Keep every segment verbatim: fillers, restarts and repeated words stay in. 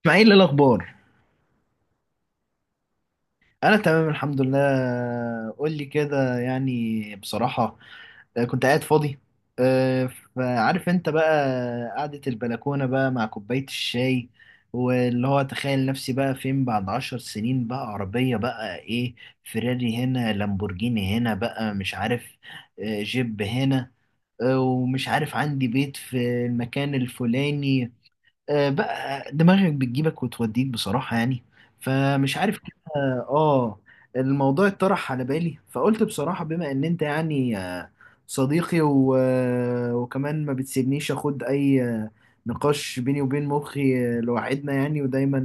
اسماعيل، ايه الاخبار؟ انا تمام الحمد لله. قول لي كده يعني بصراحه. آه، كنت قاعد فاضي. أه، فعارف انت بقى. قعده البلكونه بقى مع كوبايه الشاي، واللي هو تخيل نفسي بقى فين بعد عشر سنين، بقى عربيه بقى ايه؟ فيراري هنا، لامبورجيني هنا، بقى مش عارف. أه، جيب هنا. أه، ومش عارف عندي بيت في المكان الفلاني. آه، بقى دماغك بتجيبك وتوديك بصراحة يعني. فمش عارف كده. اه الموضوع اتطرح على بالي، فقلت بصراحة بما ان انت يعني آه، صديقي و... آه، وكمان ما بتسيبنيش اخد اي آه، نقاش بيني وبين مخي آه، لوحدنا يعني، ودايما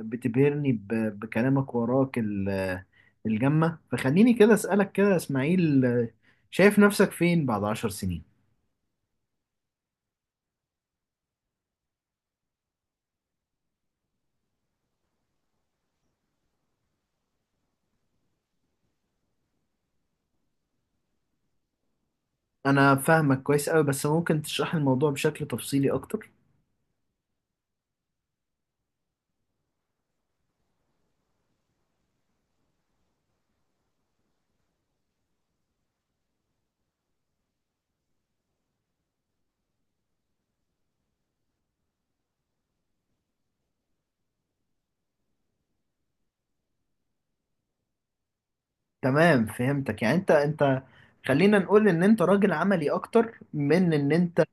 آه، بتبهرني ب... بكلامك، وراك ال... آه، الجمة. فخليني كده اسألك كده يا اسماعيل، آه، شايف نفسك فين بعد عشر سنين؟ انا فاهمك كويس قوي، بس ممكن تشرح لي الموضوع بشكل تفصيلي اكتر؟ تمام، فهمتك. يعني انت انت خلينا نقول ان انت راجل عملي اكتر من ان انت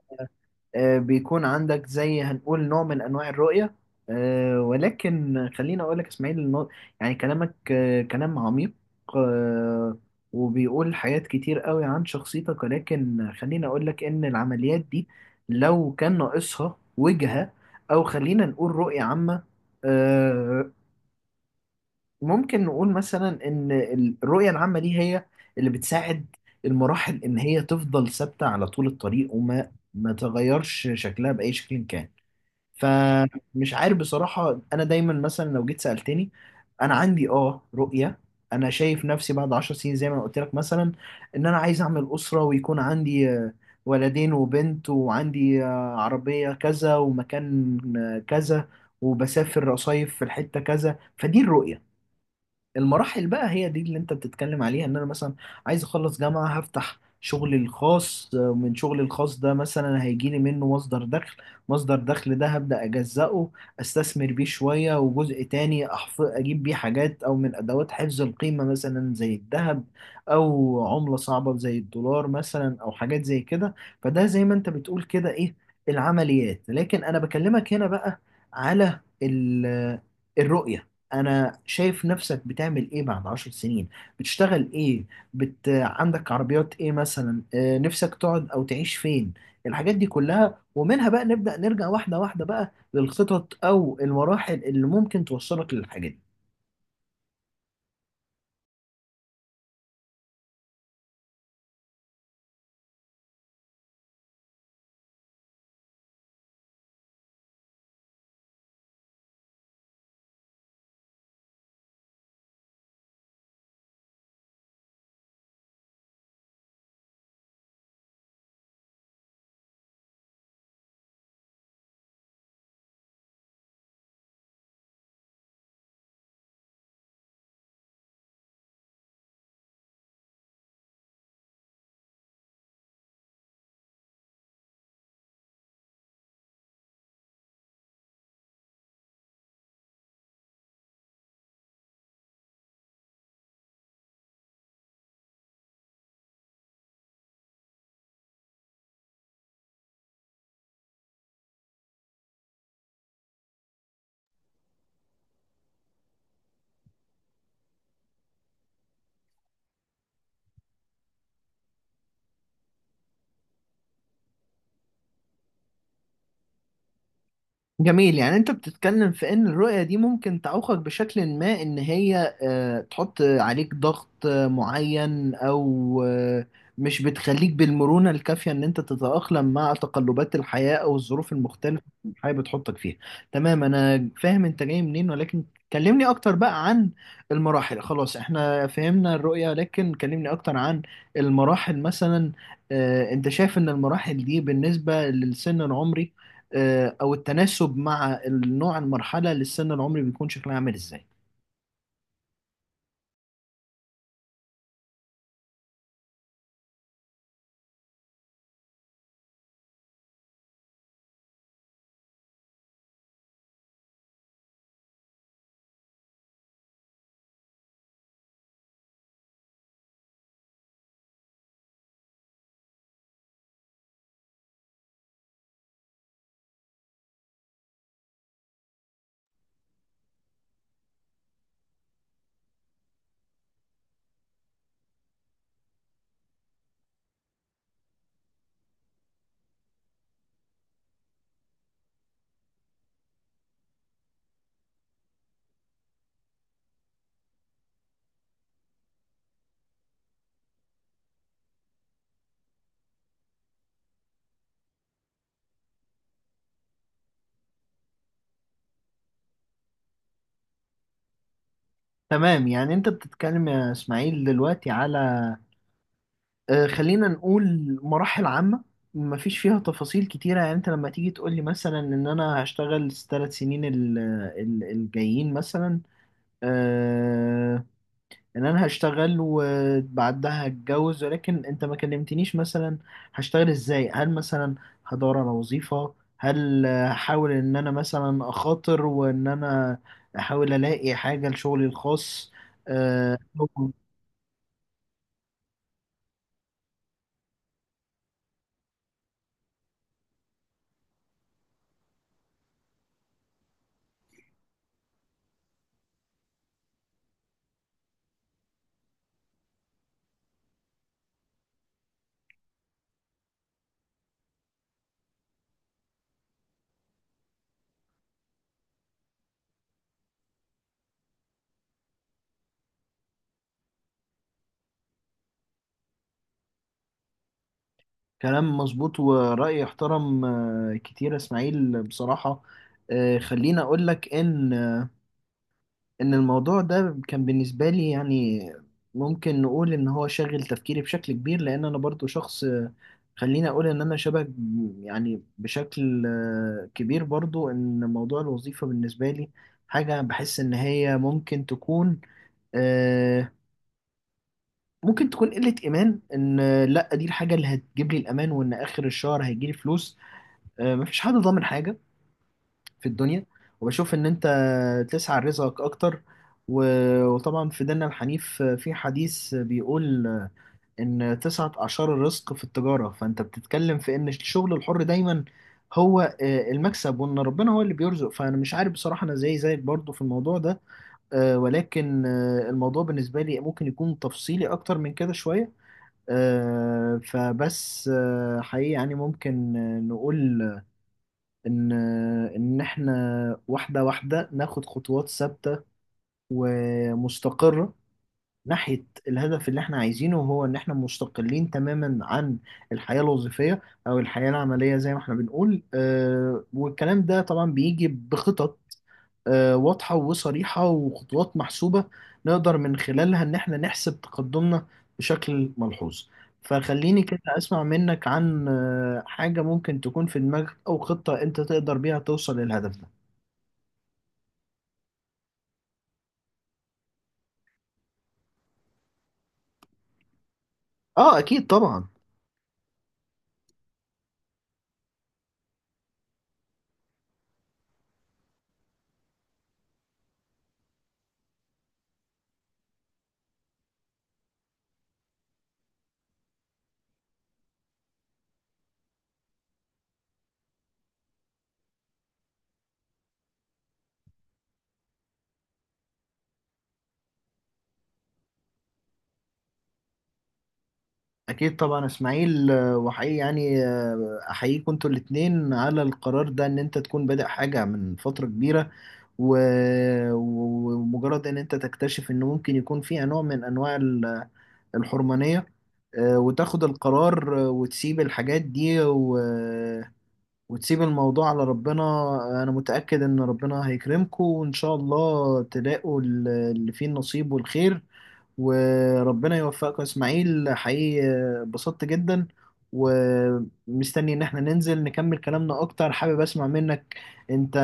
آه، بيكون عندك زي هنقول نوع من انواع الرؤية. آه، ولكن خلينا اقول لك اسماعيل، إنه يعني كلامك آه، كلام عميق، آه، وبيقول حاجات كتير قوي عن شخصيتك. ولكن خلينا اقول لك ان العمليات دي لو كان ناقصها وجهة، او خلينا نقول رؤية عامة، آه، ممكن نقول مثلا ان الرؤية العامة دي هي اللي بتساعد المراحل ان هي تفضل ثابتة على طول الطريق، وما ما تغيرش شكلها بأي شكل كان. فمش عارف بصراحة، انا دايما مثلا لو جيت سألتني، انا عندي اه رؤية. انا شايف نفسي بعد عشر سنين زي ما قلت لك، مثلا ان انا عايز اعمل أسرة، ويكون عندي آه، ولدين وبنت، وعندي آه، عربية كذا، ومكان آه، كذا، وبسافر أصيف في الحتة كذا. فدي الرؤية. المراحل بقى هي دي اللي انت بتتكلم عليها، ان انا مثلا عايز اخلص جامعة، هفتح شغلي الخاص، آه، من شغلي الخاص ده مثلا هيجيلي منه مصدر دخل. مصدر دخل ده هبدأ أجزأه، استثمر بيه شوية، وجزء تاني أحف... اجيب بيه حاجات او من ادوات حفظ القيمة مثلا زي الذهب، او عملة صعبة زي الدولار مثلا، او حاجات زي كده. فده زي ما انت بتقول كده ايه، العمليات. لكن انا بكلمك هنا بقى على ال- الرؤية. انا شايف نفسك بتعمل ايه بعد عشر سنين؟ بتشتغل ايه؟ بت... عندك عربيات ايه مثلا، آه، نفسك تقعد او تعيش فين؟ الحاجات دي كلها، ومنها بقى نبدأ نرجع واحدة واحدة بقى للخطط او المراحل اللي ممكن توصلك للحاجات دي. جميل. يعني انت بتتكلم في ان الرؤية دي ممكن تعوقك بشكل ما، ان هي آه، تحط عليك ضغط آه، معين، او آه، مش بتخليك بالمرونة الكافية ان انت تتأقلم مع تقلبات الحياة او الظروف المختلفة اللي الحياة بتحطك فيها. تمام، انا فاهم انت جاي منين. ولكن كلمني اكتر بقى عن المراحل. خلاص احنا فهمنا الرؤية، لكن كلمني اكتر عن المراحل مثلا. آه، انت شايف ان المراحل دي بالنسبة للسن العمري، آه، او التناسب مع النوع، المرحله للسن العمري بيكون شكلها عامل ازاي؟ تمام. يعني انت بتتكلم يا اسماعيل دلوقتي على آه، خلينا نقول مراحل عامه، مفيش فيها تفاصيل كتيره. يعني انت لما تيجي تقول لي مثلا ان انا هشتغل الثلاث سنين ال- ال- الجايين مثلا، آه، ان انا هشتغل وبعدها هتجوز، ولكن انت ما كلمتنيش مثلا هشتغل ازاي. هل مثلا هدور على وظيفة؟ هل هحاول ان انا مثلا اخاطر وان انا احاول الاقي حاجة لشغلي الخاص؟ آه، كلام مظبوط ورأي يحترم آه، كتير يا اسماعيل بصراحة. آه، خليني اقول لك ان ان الموضوع ده كان بالنسبة لي، يعني ممكن نقول ان هو شاغل تفكيري بشكل كبير، لان انا برضو شخص، خليني اقول ان انا شبه، يعني بشكل آه، كبير برضو ان موضوع الوظيفة بالنسبة لي حاجة بحس ان هي ممكن تكون آه، ممكن تكون قلة ايمان، ان آه، لا دي الحاجة اللي هتجيب لي الامان، وان اخر الشهر هيجي لي فلوس. آه، مفيش حد ضامن حاجة في الدنيا. وبشوف ان انت تسعى لرزقك اكتر، و- وطبعا في ديننا الحنيف في حديث بيقول ان تسعة اعشار الرزق في التجارة. فانت بتتكلم في ان الشغل الحر دايما هو آه، المكسب، وان ربنا هو اللي بيرزق. فانا مش عارف بصراحة، انا زي زيك برضو في الموضوع ده، آه، ولكن آه، الموضوع بالنسبة لي ممكن يكون تفصيلي اكتر من كده شوية. آه، فبس آه، حقيقي يعني ممكن آه، نقول ان ان احنا واحده واحده ناخد خطوات ثابته ومستقره ناحية الهدف اللي احنا عايزينه، هو ان احنا مستقلين تماما عن الحياة الوظيفية او الحياة العملية، زي ما احنا بنقول. آه، والكلام ده طبعا بيجي بخطط آه، واضحة وصريحة، وخطوات محسوبة نقدر من خلالها ان احنا نحسب تقدمنا بشكل ملحوظ. فخليني كده اسمع منك عن آه، حاجة ممكن تكون في دماغك، او خطة انت تقدر بيها توصل للهدف ده. اه، اكيد طبعا. أكيد طبعا إسماعيل، آه، وحقيقي يعني آه، أحييكم أنتوا الاتنين على القرار ده، إن أنت تكون بادئ حاجة من فترة كبيرة، و- و- ومجرد إن أنت تكتشف إن ممكن يكون فيها نوع من أنواع ال- الحرمانية، آه، وتاخد القرار، آه، وتسيب الحاجات دي، و- وتسيب الموضوع على ربنا. أنا متأكد إن ربنا هيكرمكم، وإن شاء الله تلاقوا ال- اللي فيه النصيب والخير. وربنا يوفقك يا اسماعيل، حقيقي آه، اتبسطت جدا. ومستني ان احنا ننزل نكمل كلامنا اكتر. حابب اسمع منك انت،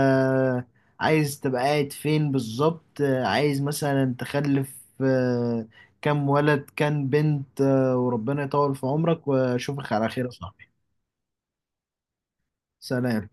عايز تبقى قاعد فين بالظبط؟ عايز مثلا تخلف آه، كام ولد كام بنت؟ آه، وربنا يطول في عمرك واشوفك على خير يا صاحبي. سلام.